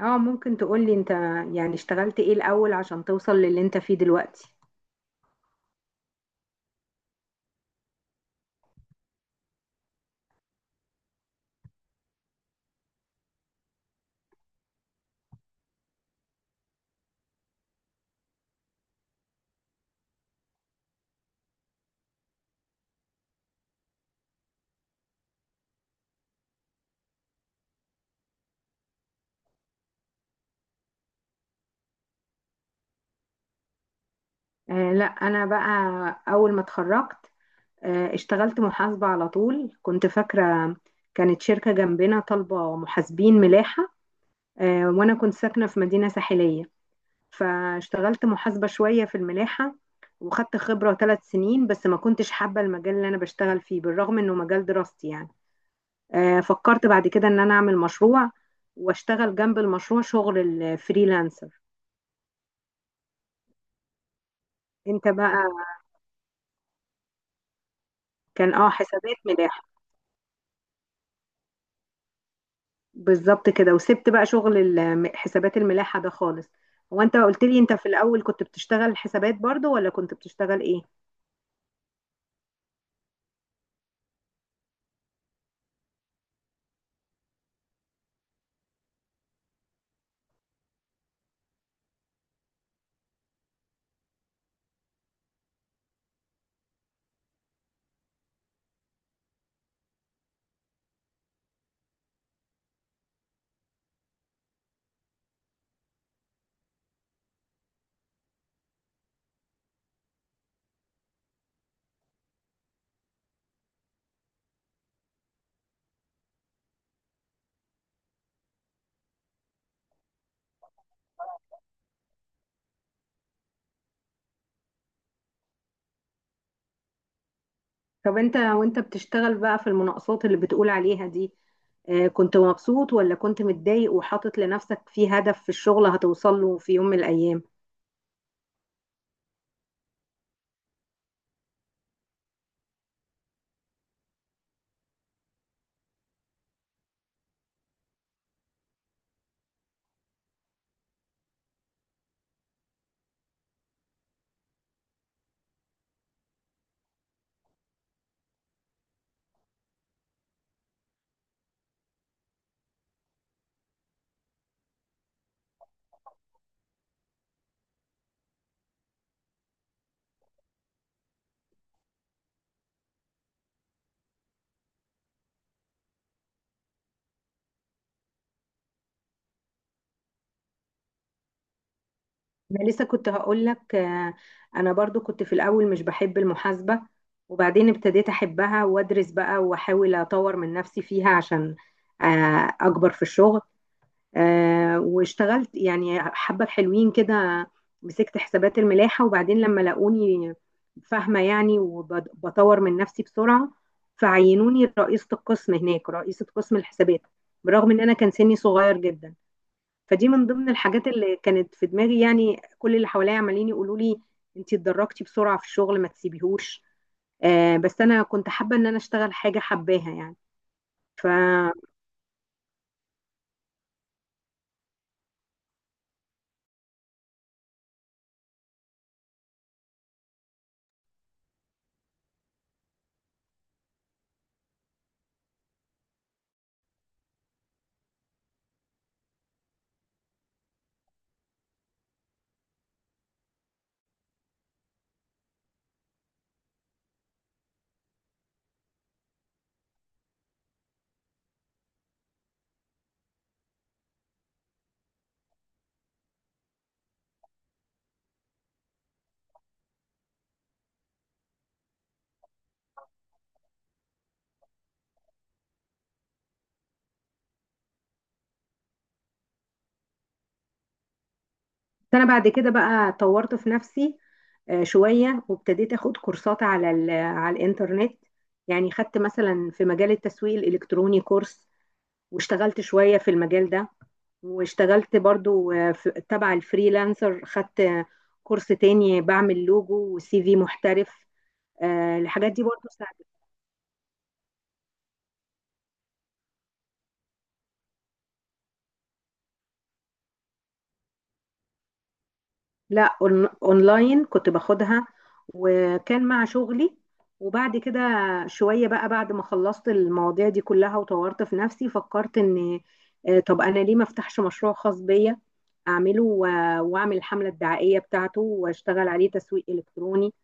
اه، ممكن تقولي انت؟ يعني اشتغلت ايه الاول عشان توصل للي انت فيه دلوقتي؟ لا، انا بقى اول ما اتخرجت اشتغلت محاسبة على طول. كنت فاكرة، كانت شركة جنبنا طالبة محاسبين ملاحة. وانا كنت ساكنة في مدينة ساحلية، فاشتغلت محاسبة شوية في الملاحة، وخدت خبرة 3 سنين، بس ما كنتش حابة المجال اللي انا بشتغل فيه بالرغم انه مجال دراستي يعني. فكرت بعد كده ان انا اعمل مشروع واشتغل جنب المشروع شغل الفريلانسر. انت بقى. كان حسابات ملاحة بالظبط كده. وسبت بقى شغل حسابات الملاحة ده خالص. هو انت قلت لي انت في الاول كنت بتشتغل حسابات برضو ولا كنت بتشتغل ايه؟ طب انت وانت بتشتغل بقى في المناقصات اللي بتقول عليها دي، كنت مبسوط ولا كنت متضايق وحاطط لنفسك في هدف في الشغل هتوصل له في يوم من الايام؟ انا لسه كنت هقول لك، انا برضو كنت في الاول مش بحب المحاسبة، وبعدين ابتديت احبها وادرس بقى واحاول اطور من نفسي فيها عشان آه، اكبر في الشغل. واشتغلت يعني حبة حلوين كده. مسكت حسابات الملاحة، وبعدين لما لقوني فاهمة يعني وبطور من نفسي بسرعة، فعينوني رئيسة القسم هناك، رئيسة قسم الحسابات، برغم ان انا كان سني صغير جدا. فدي من ضمن الحاجات اللي كانت في دماغي، يعني كل اللي حواليا عمالين يقولوا لي انت اتدرجتي بسرعه في الشغل ما تسيبيهوش. بس انا كنت حابه ان انا اشتغل حاجه حباها يعني. ف- بس انا بعد كده بقى طورت في نفسي شويه، وابتديت اخد كورسات على الانترنت. يعني خدت مثلا في مجال التسويق الالكتروني كورس، واشتغلت شويه في المجال ده. واشتغلت برضو تبع الفريلانسر، خدت كورس تاني بعمل لوجو وسي في محترف. الحاجات دي برضو ساعدت. لا، اونلاين كنت باخدها، وكان مع شغلي. وبعد كده شوية بقى، بعد ما خلصت المواضيع دي كلها وطورت في نفسي، فكرت ان طب انا ليه ما افتحش مشروع خاص بيا؟ اعمله واعمل الحملة الدعائية بتاعته واشتغل عليه تسويق الكتروني،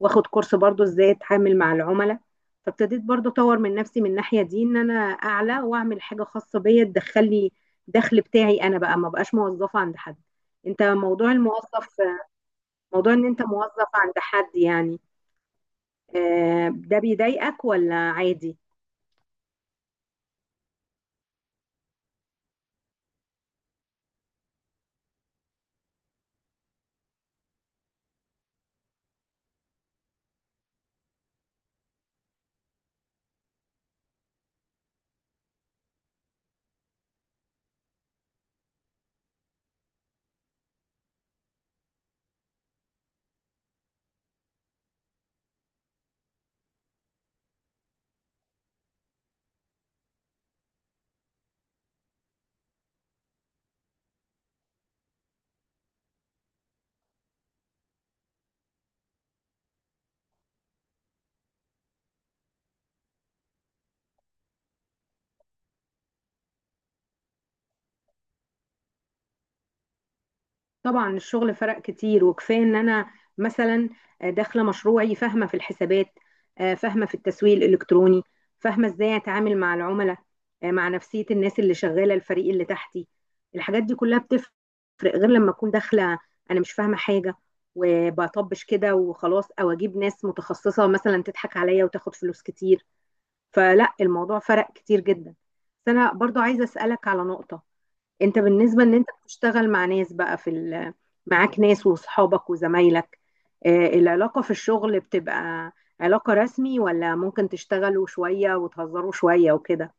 واخد كورس برضو ازاي اتعامل مع العملاء. فابتديت برضو اطور من نفسي من الناحية دي، ان انا اعلى واعمل حاجة خاصة بيا تدخلي دخل بتاعي انا بقى، ما بقاش موظفة عند حد. انت موضوع الموظف، موضوع ان انت موظف عند حد يعني، ده بيضايقك ولا عادي؟ طبعا الشغل فرق كتير، وكفايه ان انا مثلا داخله مشروعي فاهمه في الحسابات، فاهمه في التسويق الالكتروني، فاهمه ازاي اتعامل مع العملاء، مع نفسيه الناس اللي شغاله الفريق اللي تحتي. الحاجات دي كلها بتفرق غير لما اكون داخله انا مش فاهمه حاجه وبطبش كده وخلاص، او اجيب ناس متخصصه مثلا تضحك عليا وتاخد فلوس كتير. فلا، الموضوع فرق كتير جدا. بس انا برضو عايزه اسالك على نقطه. انت بالنسبه ان انت بتشتغل مع ناس بقى معاك ناس واصحابك وزمايلك، العلاقه في الشغل بتبقى علاقه رسمي ولا ممكن تشتغلوا شويه وتهزروا شويه وكده؟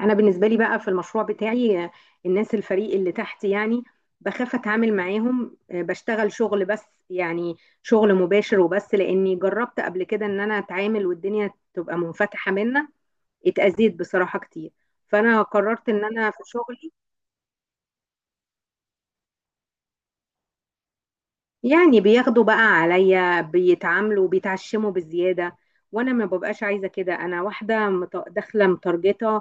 انا بالنسبه لي بقى في المشروع بتاعي، الناس الفريق اللي تحت يعني، بخاف اتعامل معاهم، بشتغل شغل بس، يعني شغل مباشر وبس، لاني جربت قبل كده ان انا اتعامل والدنيا تبقى منفتحه منا اتأذيت بصراحة كتير. فأنا قررت إن أنا في شغلي، يعني بياخدوا بقى عليا، بيتعاملوا بيتعشموا بالزيادة، وأنا ما ببقاش عايزة كده. أنا واحدة داخلة متارجتة،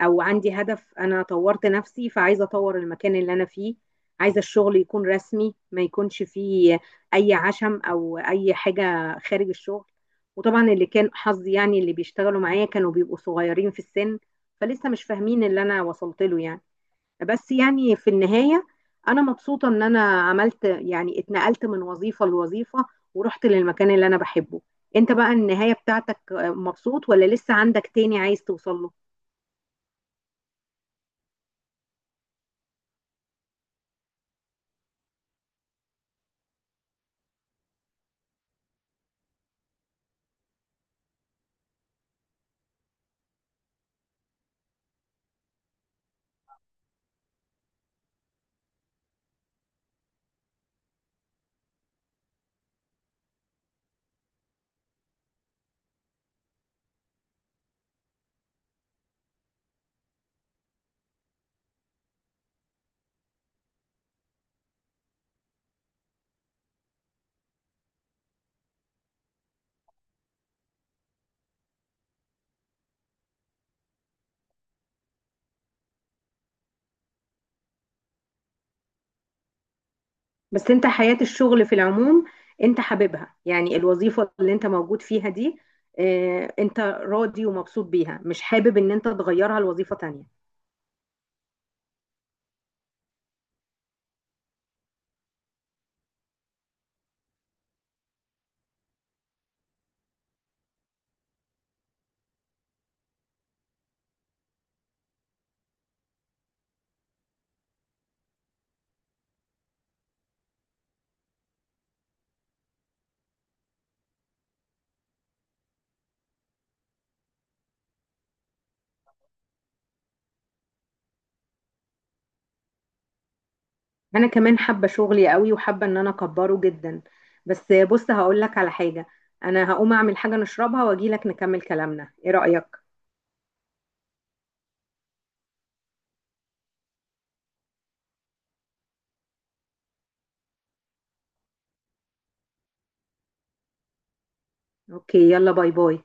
أو عندي هدف، أنا طورت نفسي فعايزة أطور المكان اللي أنا فيه. عايزة الشغل يكون رسمي ما يكونش فيه أي عشم أو أي حاجة خارج الشغل. وطبعا اللي كان حظي، يعني اللي بيشتغلوا معايا كانوا بيبقوا صغيرين في السن، فلسه مش فاهمين اللي أنا وصلت له يعني. بس يعني في النهاية أنا مبسوطة إن أنا عملت يعني، اتنقلت من وظيفة لوظيفة، ورحت للمكان اللي أنا بحبه. أنت بقى النهاية بتاعتك مبسوط ولا لسه عندك تاني عايز توصل له؟ بس أنت حياة الشغل في العموم أنت حاببها؟ يعني الوظيفة اللي أنت موجود فيها دي، أنت راضي ومبسوط بيها؟ مش حابب إن أنت تغيرها لوظيفة تانية؟ انا كمان حابه شغلي قوي وحابه ان انا اكبره جدا. بس بص هقول لك على حاجه، انا هقوم اعمل حاجه نشربها واجي لك نكمل كلامنا، ايه رايك؟ اوكي، يلا باي باي.